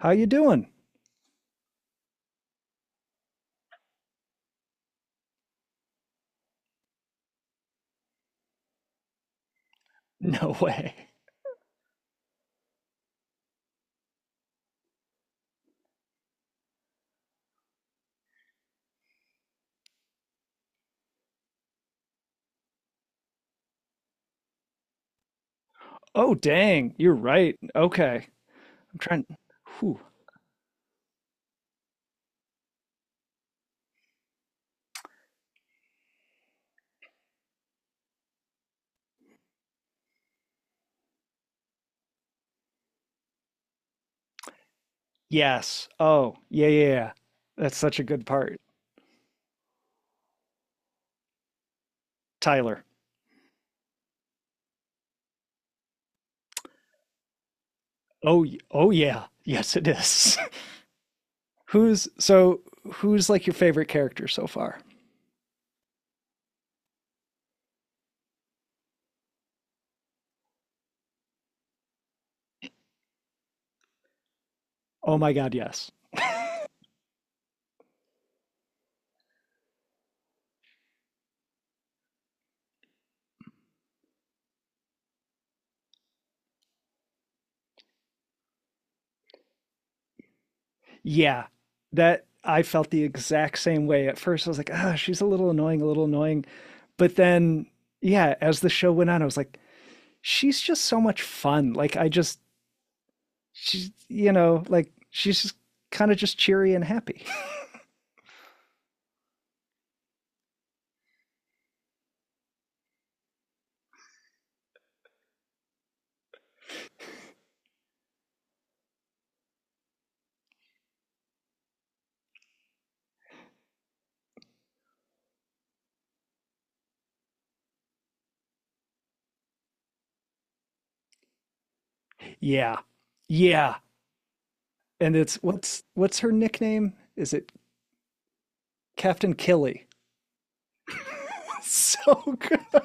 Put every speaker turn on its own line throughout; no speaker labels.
How you doing? No way. Oh, dang. You're right. Okay. I'm trying. Whew. Yes. Oh, yeah, yeah, yeah. That's such a good part. Tyler. Oh, oh yeah. Yes, it is. who's so Who's like your favorite character so far? Oh my God, yes. Yeah. That I felt the exact same way. At first, I was like, ah, she's a little annoying, a little annoying. But then, yeah, as the show went on, I was like, she's just so much fun. Like, I just, she's, like, she's kind of just cheery and happy. Yeah, yeah, and it's, what's her nickname? Is it Captain Killy? So good.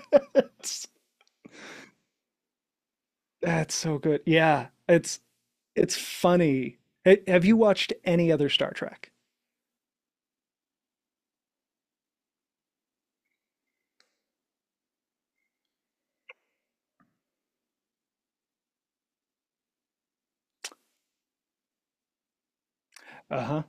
That's so good. Yeah, it's funny. Have you watched any other Star Trek? Uh-huh.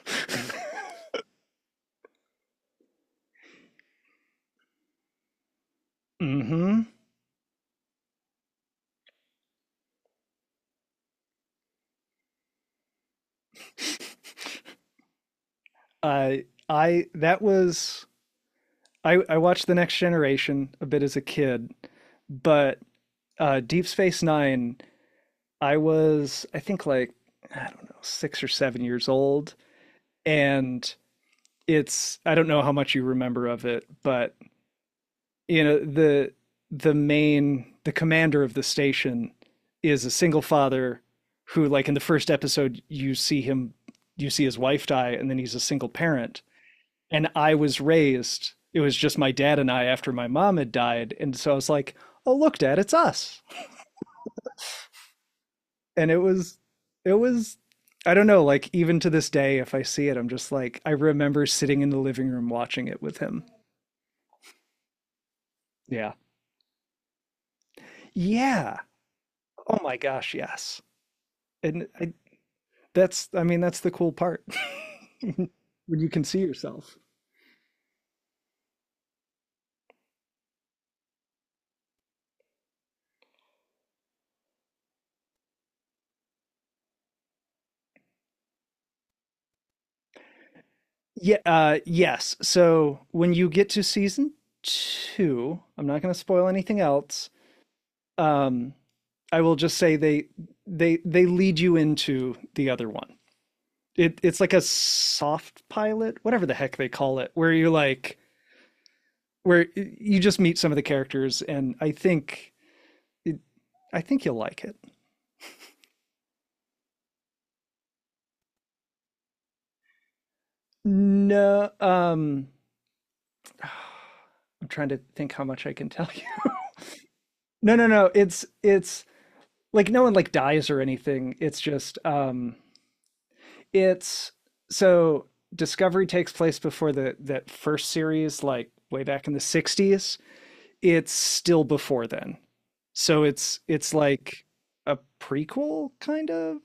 Mm-hmm. I i that was i i watched The Next Generation a bit as a kid, but Deep Space Nine, I was, I think, like, I don't know, 6 or 7 years old. And it's, I don't know how much you remember of it, but, the, the commander of the station is a single father who, like, in the first episode, you see him, you see his wife die, and then he's a single parent. And I was raised, it was just my dad and I after my mom had died. And so I was like, oh, look, dad, it's us. And it was, it was I don't know, like, even to this day, if I see it, I'm just like, I remember sitting in the living room watching it with him. Yeah. Yeah. Oh my gosh, yes. And I, that's, I mean, that's the cool part. When you can see yourself. Yeah, yes. So when you get to season 2, I'm not going to spoil anything else. Um I will just say they they lead you into the other one. It's like a soft pilot, whatever the heck they call it, where you like where you just meet some of the characters, and it, I think you'll like it. No, I'm trying to think how much I can tell you. No, no, no. It's like no one like dies or anything. It's just, it's so Discovery takes place before the that first series, like way back in the '60s. It's still before then. So it's like a prequel, kind of.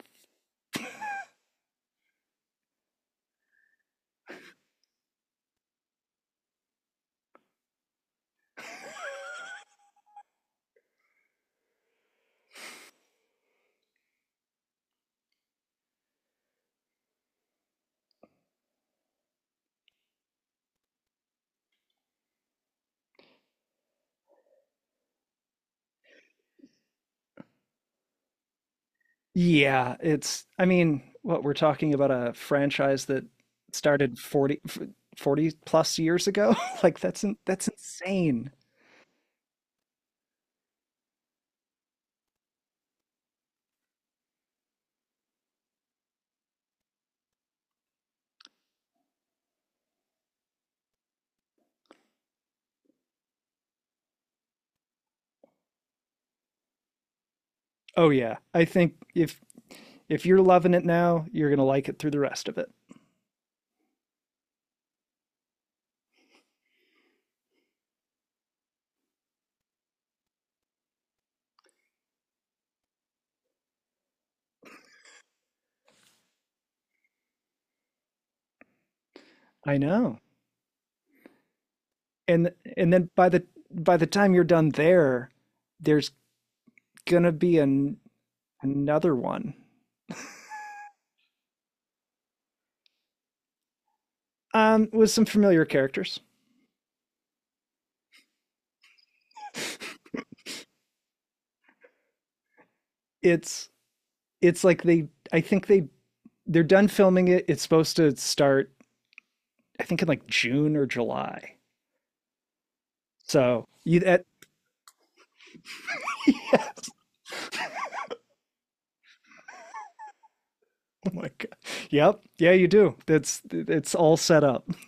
Yeah, it's I mean, what we're talking about, a franchise that started forty plus years ago. That's insane. Oh yeah. I think if you're loving it now, you're going to like it through the rest of it. I know. And then by the time you're done there, there's going to be an another one with some familiar characters. it's it's like they I think they're done filming it. It's supposed to start, I think, in like June or July. So you that. Oh my god. Yep. Yeah, you do. That's It's all set up.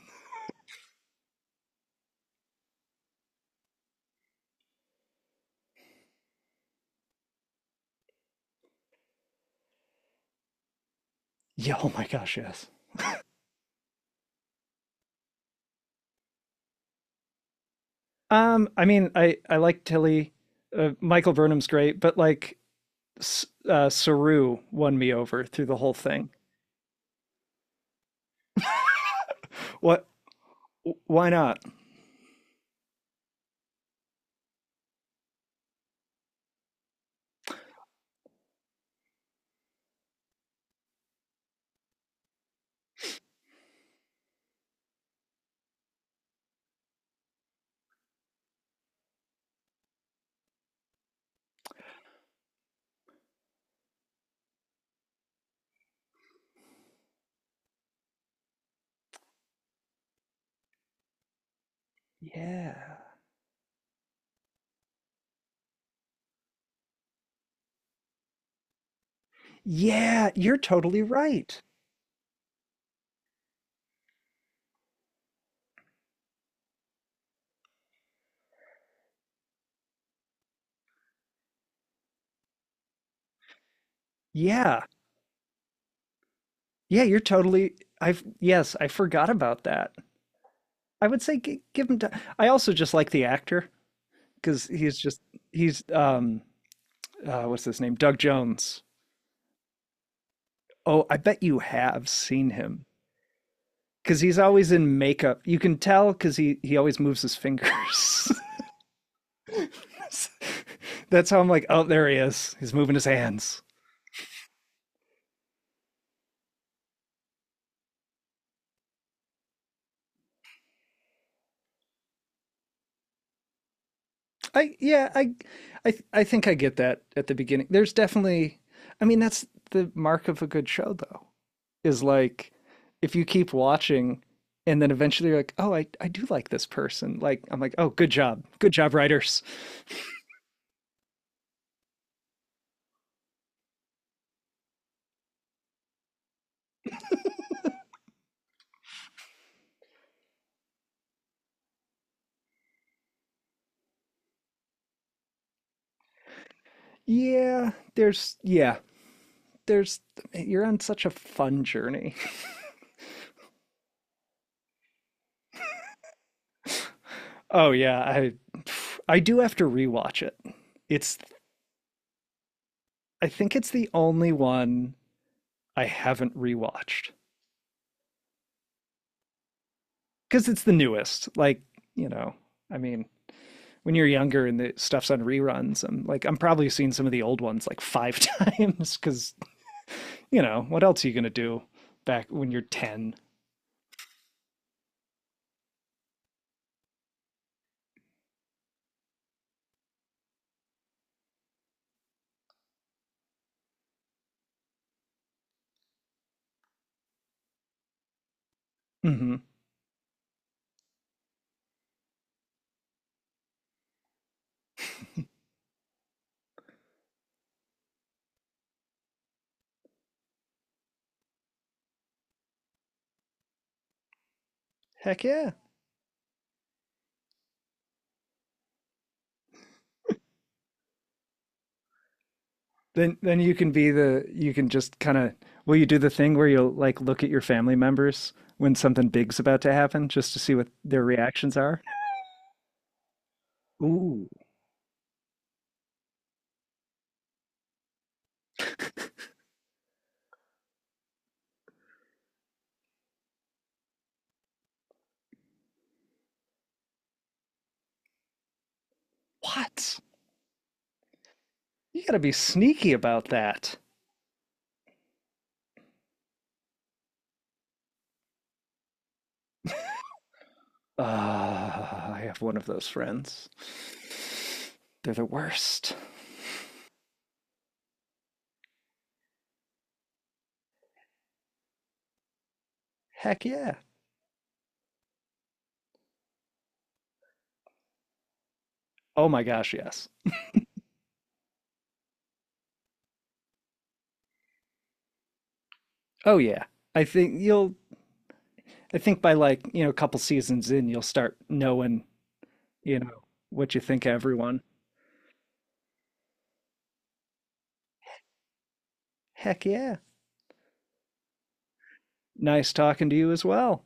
Yeah, oh my gosh, yes. I mean, I like Tilly. Michael Burnham's great, but like Saru won me over through the whole thing. What Why not? Yeah. Yeah, you're totally right. Yeah. Yeah, you're totally. I've Yes, I forgot about that. I would say give him. I also just like the actor because he's just he's what's his name, Doug Jones. Oh, I bet you have seen him because he's always in makeup. You can tell because he always moves his fingers. That's how I'm like, oh, there he is. He's moving his hands. I Yeah, I think I get that at the beginning. There's definitely. I mean, that's the mark of a good show, though, is like, if you keep watching and then eventually you're like, oh, I do like this person. Like, I'm like, oh, good job. Good job, writers. Yeah, there's, you're on such a fun journey. Oh, yeah, I do have to rewatch it. It's, I think it's the only one I haven't rewatched because it's the newest. Like, you know, I mean, when you're younger and the stuff's on reruns, I'm like, I'm probably seeing some of the old ones like five times because, you know, what else are you gonna do back when you're 10? Hmm. Heck yeah. Then you can be the, you can just kind of, will you do the thing where you'll like look at your family members when something big's about to happen just to see what their reactions are? Ooh, what? You gotta be sneaky about that. Ah, I have one of those friends. They're the worst. Heck yeah. Oh my gosh, yes. Oh yeah. I think you'll I think by, like, a couple seasons in, you'll start knowing, you know, what you think everyone. Heck yeah. Nice talking to you as well.